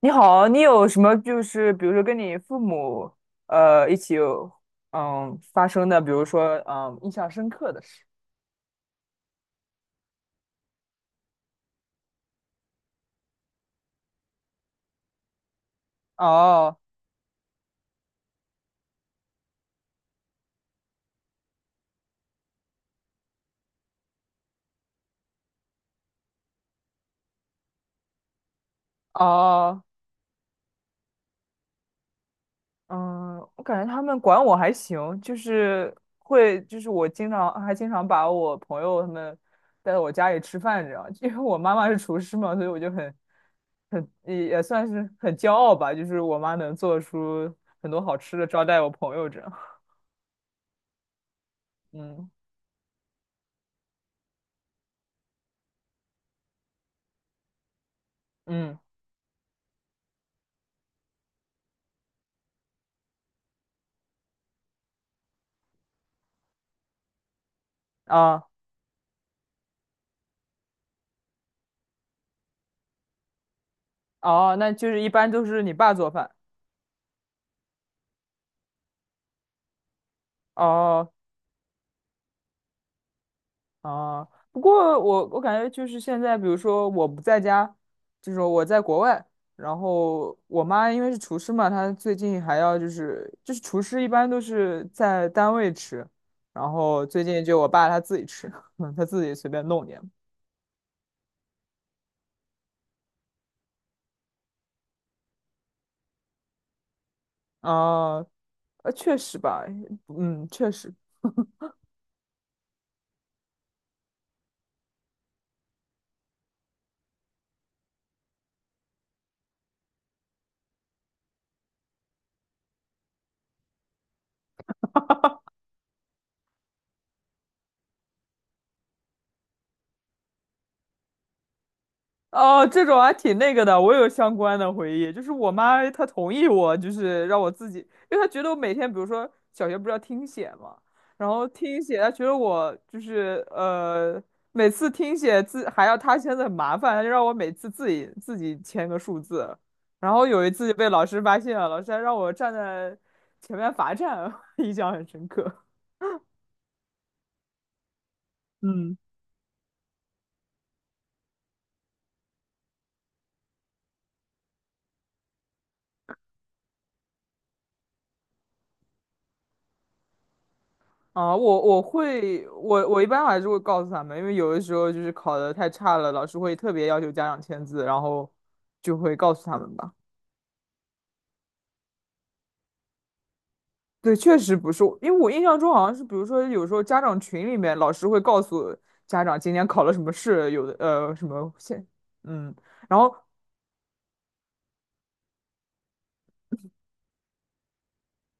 你好，你有什么就是比如说跟你父母一起有发生的，比如说印象深刻的事？哦。哦，嗯，我感觉他们管我还行，就是会就是我经常还经常把我朋友他们带到我家里吃饭这样，因为我妈妈是厨师嘛，所以我就很，也算是很骄傲吧，就是我妈能做出很多好吃的招待我朋友这样，嗯嗯啊。哦，那就是一般都是你爸做饭。哦。哦，不过我感觉就是现在，比如说我不在家，就是我在国外，然后我妈因为是厨师嘛，她最近还要就是厨师一般都是在单位吃，然后最近就我爸他自己吃，他自己随便弄点。啊，确实吧，嗯，确实。哦，这种还挺那个的，我有相关的回忆，就是我妈她同意我，就是让我自己，因为她觉得我每天，比如说小学不是要听写嘛，然后听写，她觉得我每次听写字还要她签字很麻烦，她就让我每次自己签个数字，然后有一次就被老师发现了，老师还让我站在前面罚站，印象很深刻。嗯。啊，我会，我一般还是会告诉他们，因为有的时候就是考的太差了，老师会特别要求家长签字，然后就会告诉他们吧。对，确实不是，我因为我印象中好像是，比如说有时候家长群里面，老师会告诉家长今天考了什么试，有的什么现，嗯，然后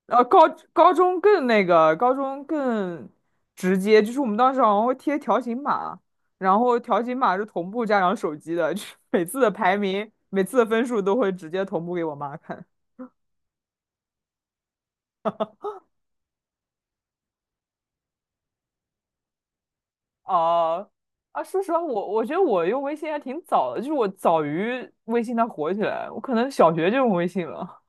呃，高高中更那个，高中更直接，就是我们当时好像会贴条形码，然后条形码是同步家长手机的，就是 每次的排名、每次的分数都会直接同步给我妈看。哦，啊，说实话，我觉得我用微信还挺早的，就是我早于微信它火起来，我可能小学就用微信了。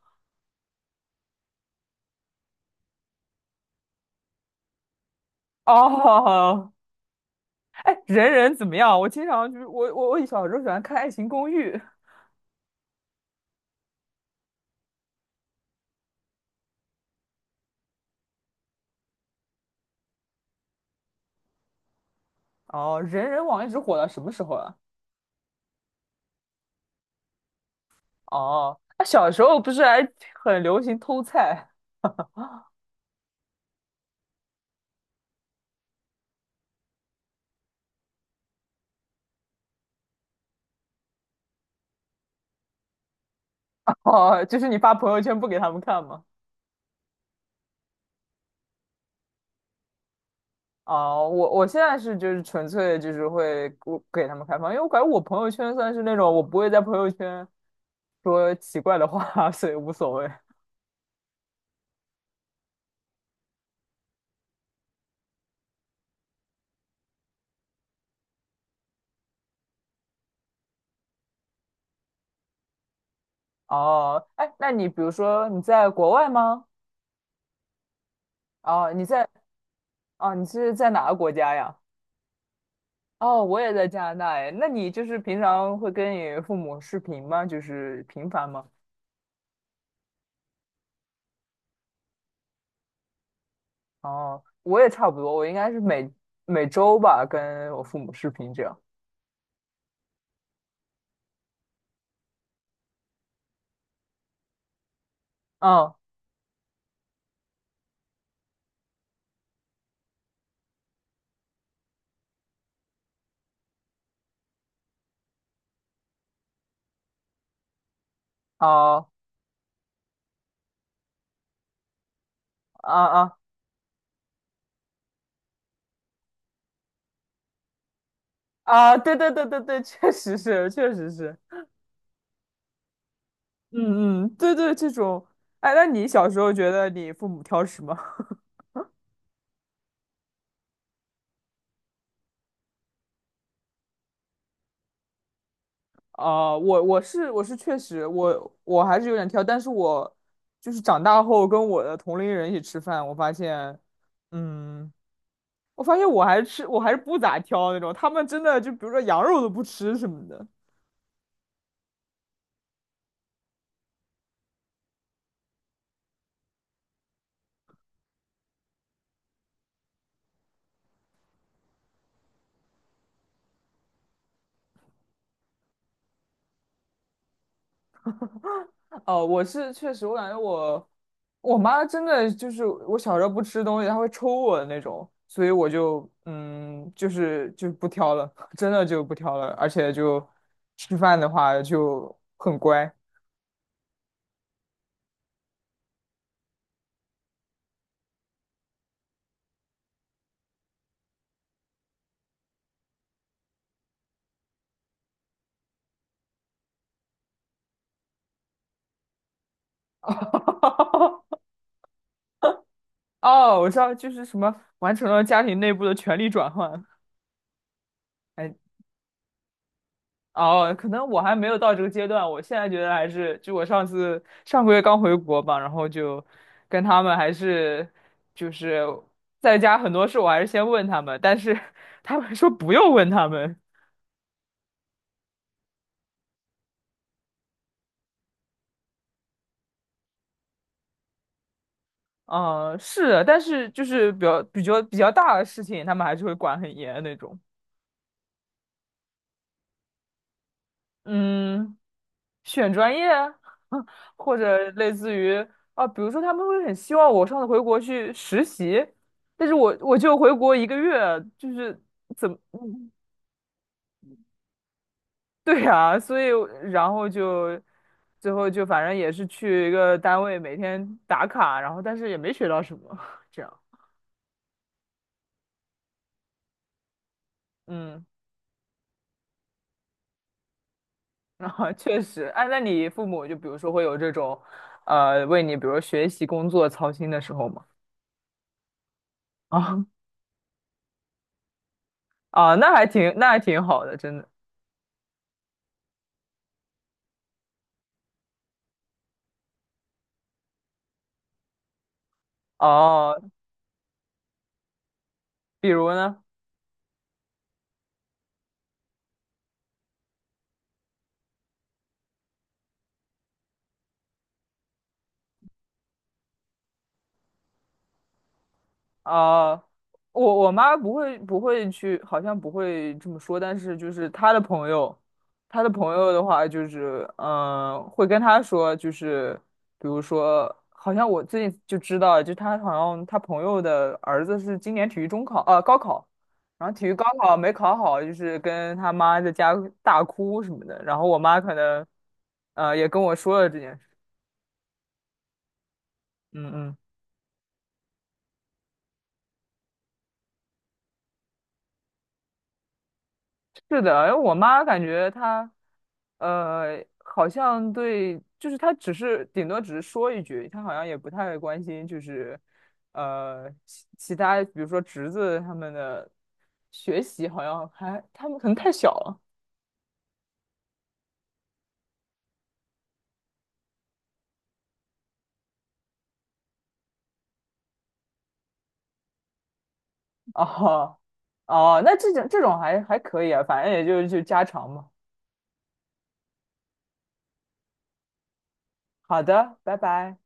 哦，哎，人人怎么样？我经常就是我小时候喜欢看《爱情公寓》，哦，人人网一直火到什么时候啊？哦，那小时候不是还很流行偷菜？哦，就是你发朋友圈不给他们看吗？哦，我我现在是就是纯粹就是会我给他们开放，因为我感觉我朋友圈算是那种我不会在朋友圈说奇怪的话，所以无所谓。哦，哎，那你比如说你在国外吗？哦，你在。哦，你是在哪个国家呀？哦，我也在加拿大哎。那你就是平常会跟你父母视频吗？就是频繁吗？哦，我也差不多，我应该是每周吧，跟我父母视频这样。嗯，好，啊啊啊，对对对对对，确实是，确实是，嗯嗯，对对，这种，哎，那你小时候觉得你父母挑食吗？啊、我我是我是确实，我还是有点挑，但是我就是长大后跟我的同龄人一起吃饭，我发现，嗯，我发现我还是吃，我还是不咋挑那种，他们真的就比如说羊肉都不吃什么的。哦，我是确实，我感觉我妈真的就是我小时候不吃东西，她会抽我的那种，所以我就嗯，就不挑了，真的就不挑了，而且就吃饭的话就很乖。哦，我知道，就是什么完成了家庭内部的权力转换。哎，哦，可能我还没有到这个阶段，我现在觉得还是，就我上次上个月刚回国吧，然后就跟他们还是就是在家很多事我还是先问他们，但是他们说不用问他们。嗯，是的，但是就是比较大的事情，他们还是会管很严的那种。嗯，选专业啊，或者类似于啊，比如说他们会很希望我上次回国去实习，但是我就回国一个月，就是怎么，嗯。对啊，所以然后就最后就反正也是去一个单位每天打卡，然后但是也没学到什么，这样，嗯，然后确实，哎，那你父母就比如说会有这种，为你比如学习工作操心的时候吗？啊。啊，那还挺好的，真的。哦，比如呢，啊、我妈不会去，好像不会这么说，但是就是她的朋友，她的朋友的话，就是会跟她说，就是比如说，好像我最近就知道，就她好像她朋友的儿子是今年体育中考，高考，然后体育高考没考好，就是跟他妈在家大哭什么的，然后我妈可能，也跟我说了这件事，嗯嗯。是的，因为我妈感觉她，好像对，就是她只是顶多只是说一句，她好像也不太关心，就是，其他，比如说侄子他们的学习，好像还他们可能太小了。哦，哦，那这种还可以啊，反正也就是就家常嘛。好的，拜拜。